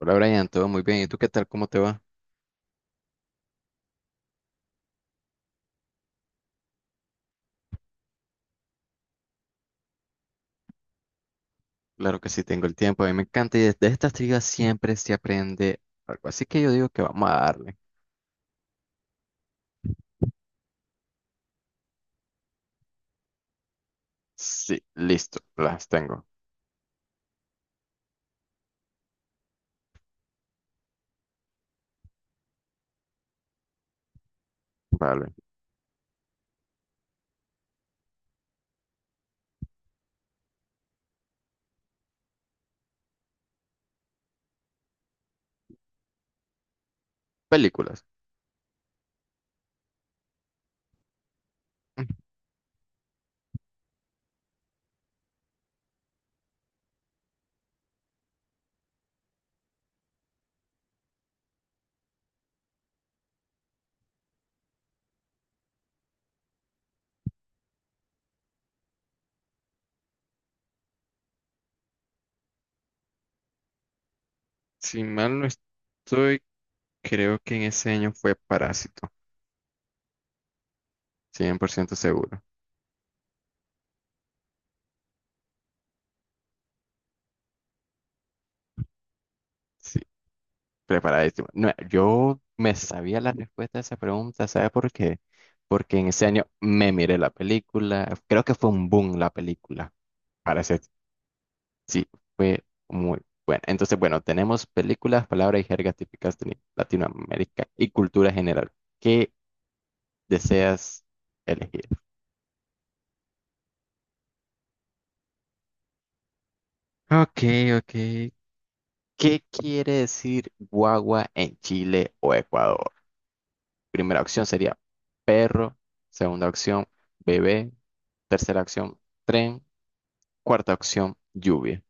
Hola Brian, todo muy bien. ¿Y tú qué tal? ¿Cómo te va? Claro que sí, tengo el tiempo. A mí me encanta y de estas trivias siempre se aprende algo. Así que yo digo que vamos a darle. Sí, listo, las tengo. Vale. Películas. Mm. Si mal no estoy, creo que en ese año fue Parásito. 100% seguro. Sí, preparadísimo. No, yo me sabía la respuesta a esa pregunta, ¿sabes por qué? Porque en ese año me miré la película. Creo que fue un boom la película. Para ese... Sí, fue muy bueno. Entonces, bueno, tenemos películas, palabras y jergas típicas de Latinoamérica y cultura general. ¿Qué deseas elegir? Ok, ok. ¿Qué quiere decir guagua en Chile o Ecuador? Primera opción sería perro, segunda opción bebé, tercera opción tren, cuarta opción lluvia.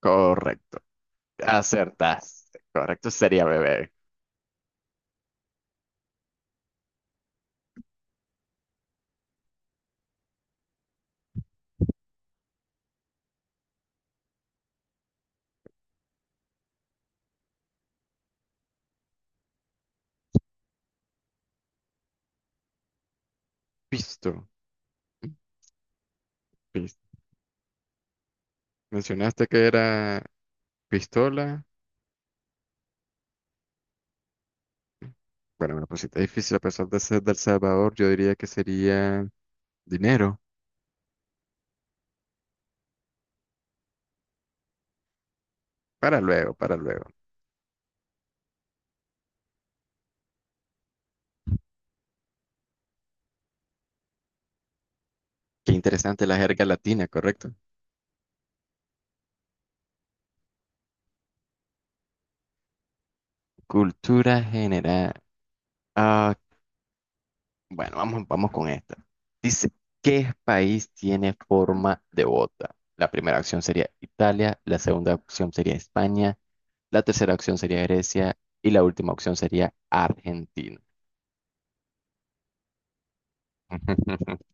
Correcto, acertaste. Correcto sería bebé. Visto. Visto. Mencionaste que era... Pistola. Bueno, una cosita difícil, a pesar de ser del Salvador, yo diría que sería dinero. Para luego, para luego. Qué interesante la jerga latina, ¿correcto? Cultura general. Ah, bueno, vamos, vamos con esta. Dice, ¿qué país tiene forma de bota? La primera opción sería Italia, la segunda opción sería España, la tercera opción sería Grecia y la última opción sería Argentina.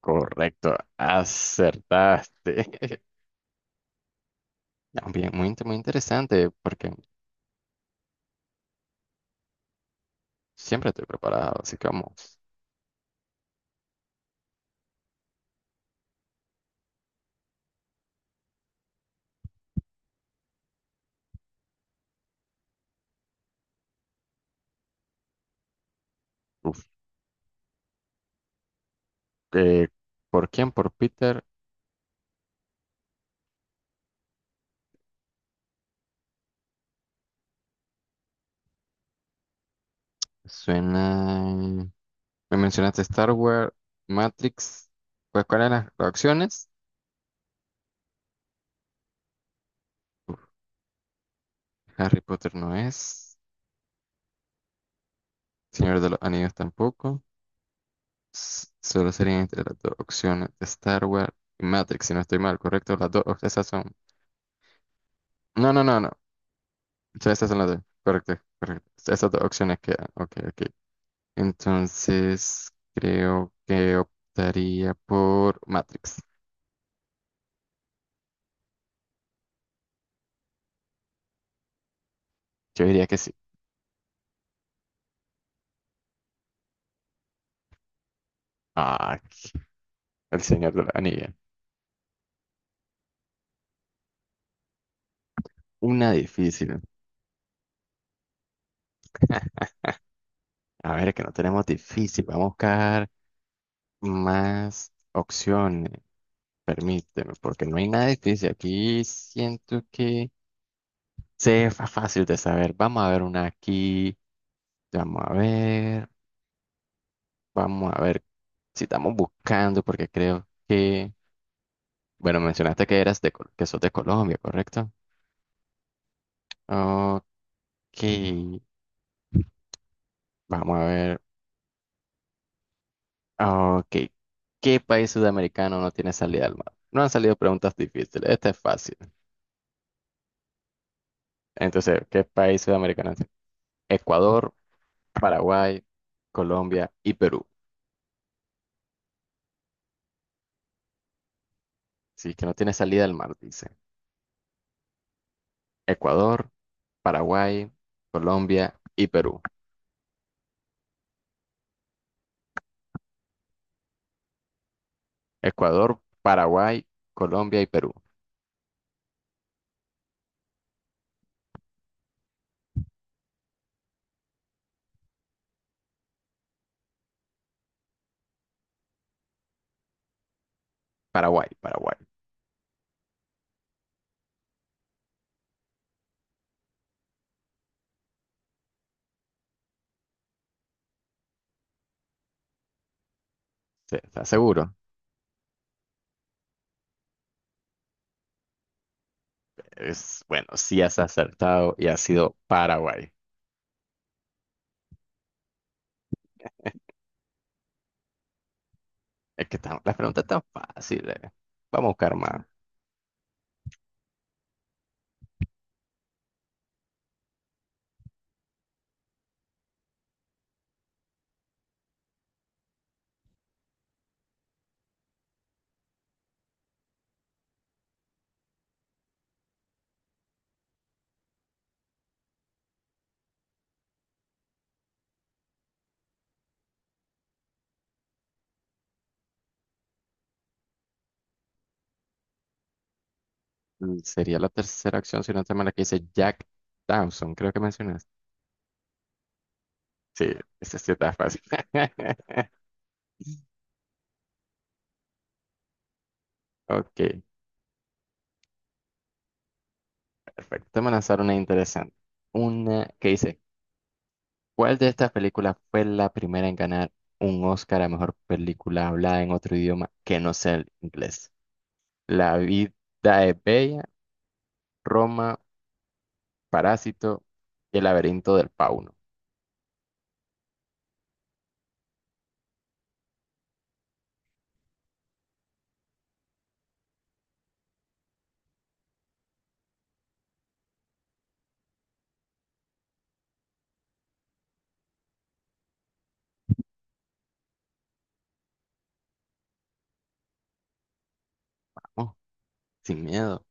Correcto, acertaste. Ya, bien, muy, muy interesante, porque siempre estoy preparado, así que vamos. Uf, eh, ¿por quién? Por Peter. Suena. Me mencionaste Star Wars, Matrix. Pues, ¿cuáles eran las opciones? Uf, Harry Potter no es. Señor de los Anillos tampoco. Solo serían entre las dos opciones de Star Wars y Matrix, si no estoy mal, ¿correcto? Las dos, esas son. No, no, no, no. O sea, esas son las dos. Correcto, correcto. Esas dos opciones quedan. Ok, ok. Entonces, creo que optaría por Matrix. Yo diría que sí. Ah, el Señor de la Anilla. Una difícil. A ver, que no tenemos difícil. Vamos a buscar más opciones. Permíteme, porque no hay nada difícil. Aquí siento que fácil de saber. Vamos a ver una aquí. Vamos a ver. Vamos a ver si estamos buscando, porque creo que... Bueno, mencionaste que eras de, que sos de Colombia, ¿correcto? Ok. Que vamos a ver. Ah, ok. ¿Qué país sudamericano no tiene salida al mar? No han salido preguntas difíciles. Esta es fácil. Entonces, ¿qué país sudamericano es? Ecuador, Paraguay, Colombia y Perú. Sí, que no tiene salida al mar, dice. Ecuador, Paraguay, Colombia y Perú. Ecuador, Paraguay, Colombia y Perú. Paraguay, Paraguay. Sí, ¿estás seguro? Es, bueno, sí has acertado y ha sido Paraguay. Es que la pregunta es tan fácil, eh. Vamos a buscar más. Mm, sería la tercera opción, si no te mal, la que dice Jack Dawson, creo que mencionaste. Sí, esa sí está fácil. Ok, perfecto. Te voy a lanzar una interesante. Una que dice, ¿cuál de estas películas fue la primera en ganar un Oscar a mejor película hablada en otro idioma que no sea el inglés? La vida es bella, Roma, Parásito y el laberinto del fauno. Vamos, sin miedo.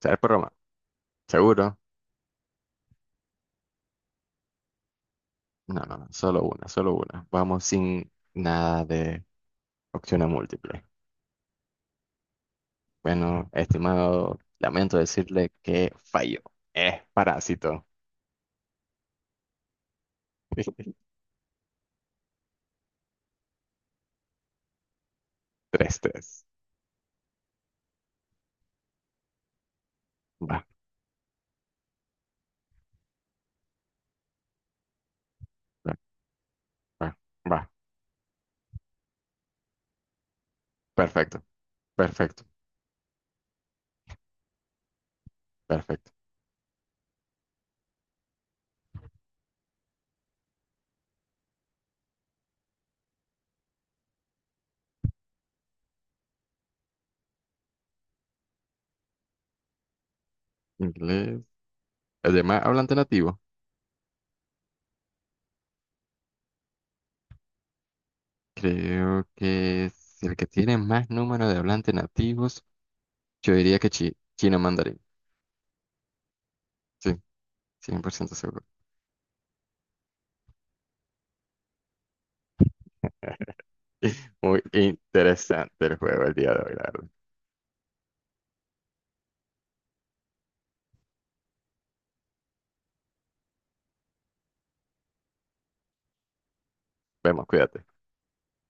¿Sabes por Roma? Seguro. No, no, no, solo una, solo una. Vamos sin nada de opciones múltiples. Bueno, estimado, lamento decirle que falló. Es parásito. Tres, tres. Va, va, va, va. Perfecto, perfecto, perfecto. Inglés. Además, hablante nativo. Creo que es el que tiene más número de hablantes nativos. Yo diría que chino mandarín. Sí, 100% seguro. Muy interesante el juego el día de hoy, la verdad. Vemos, cuídate.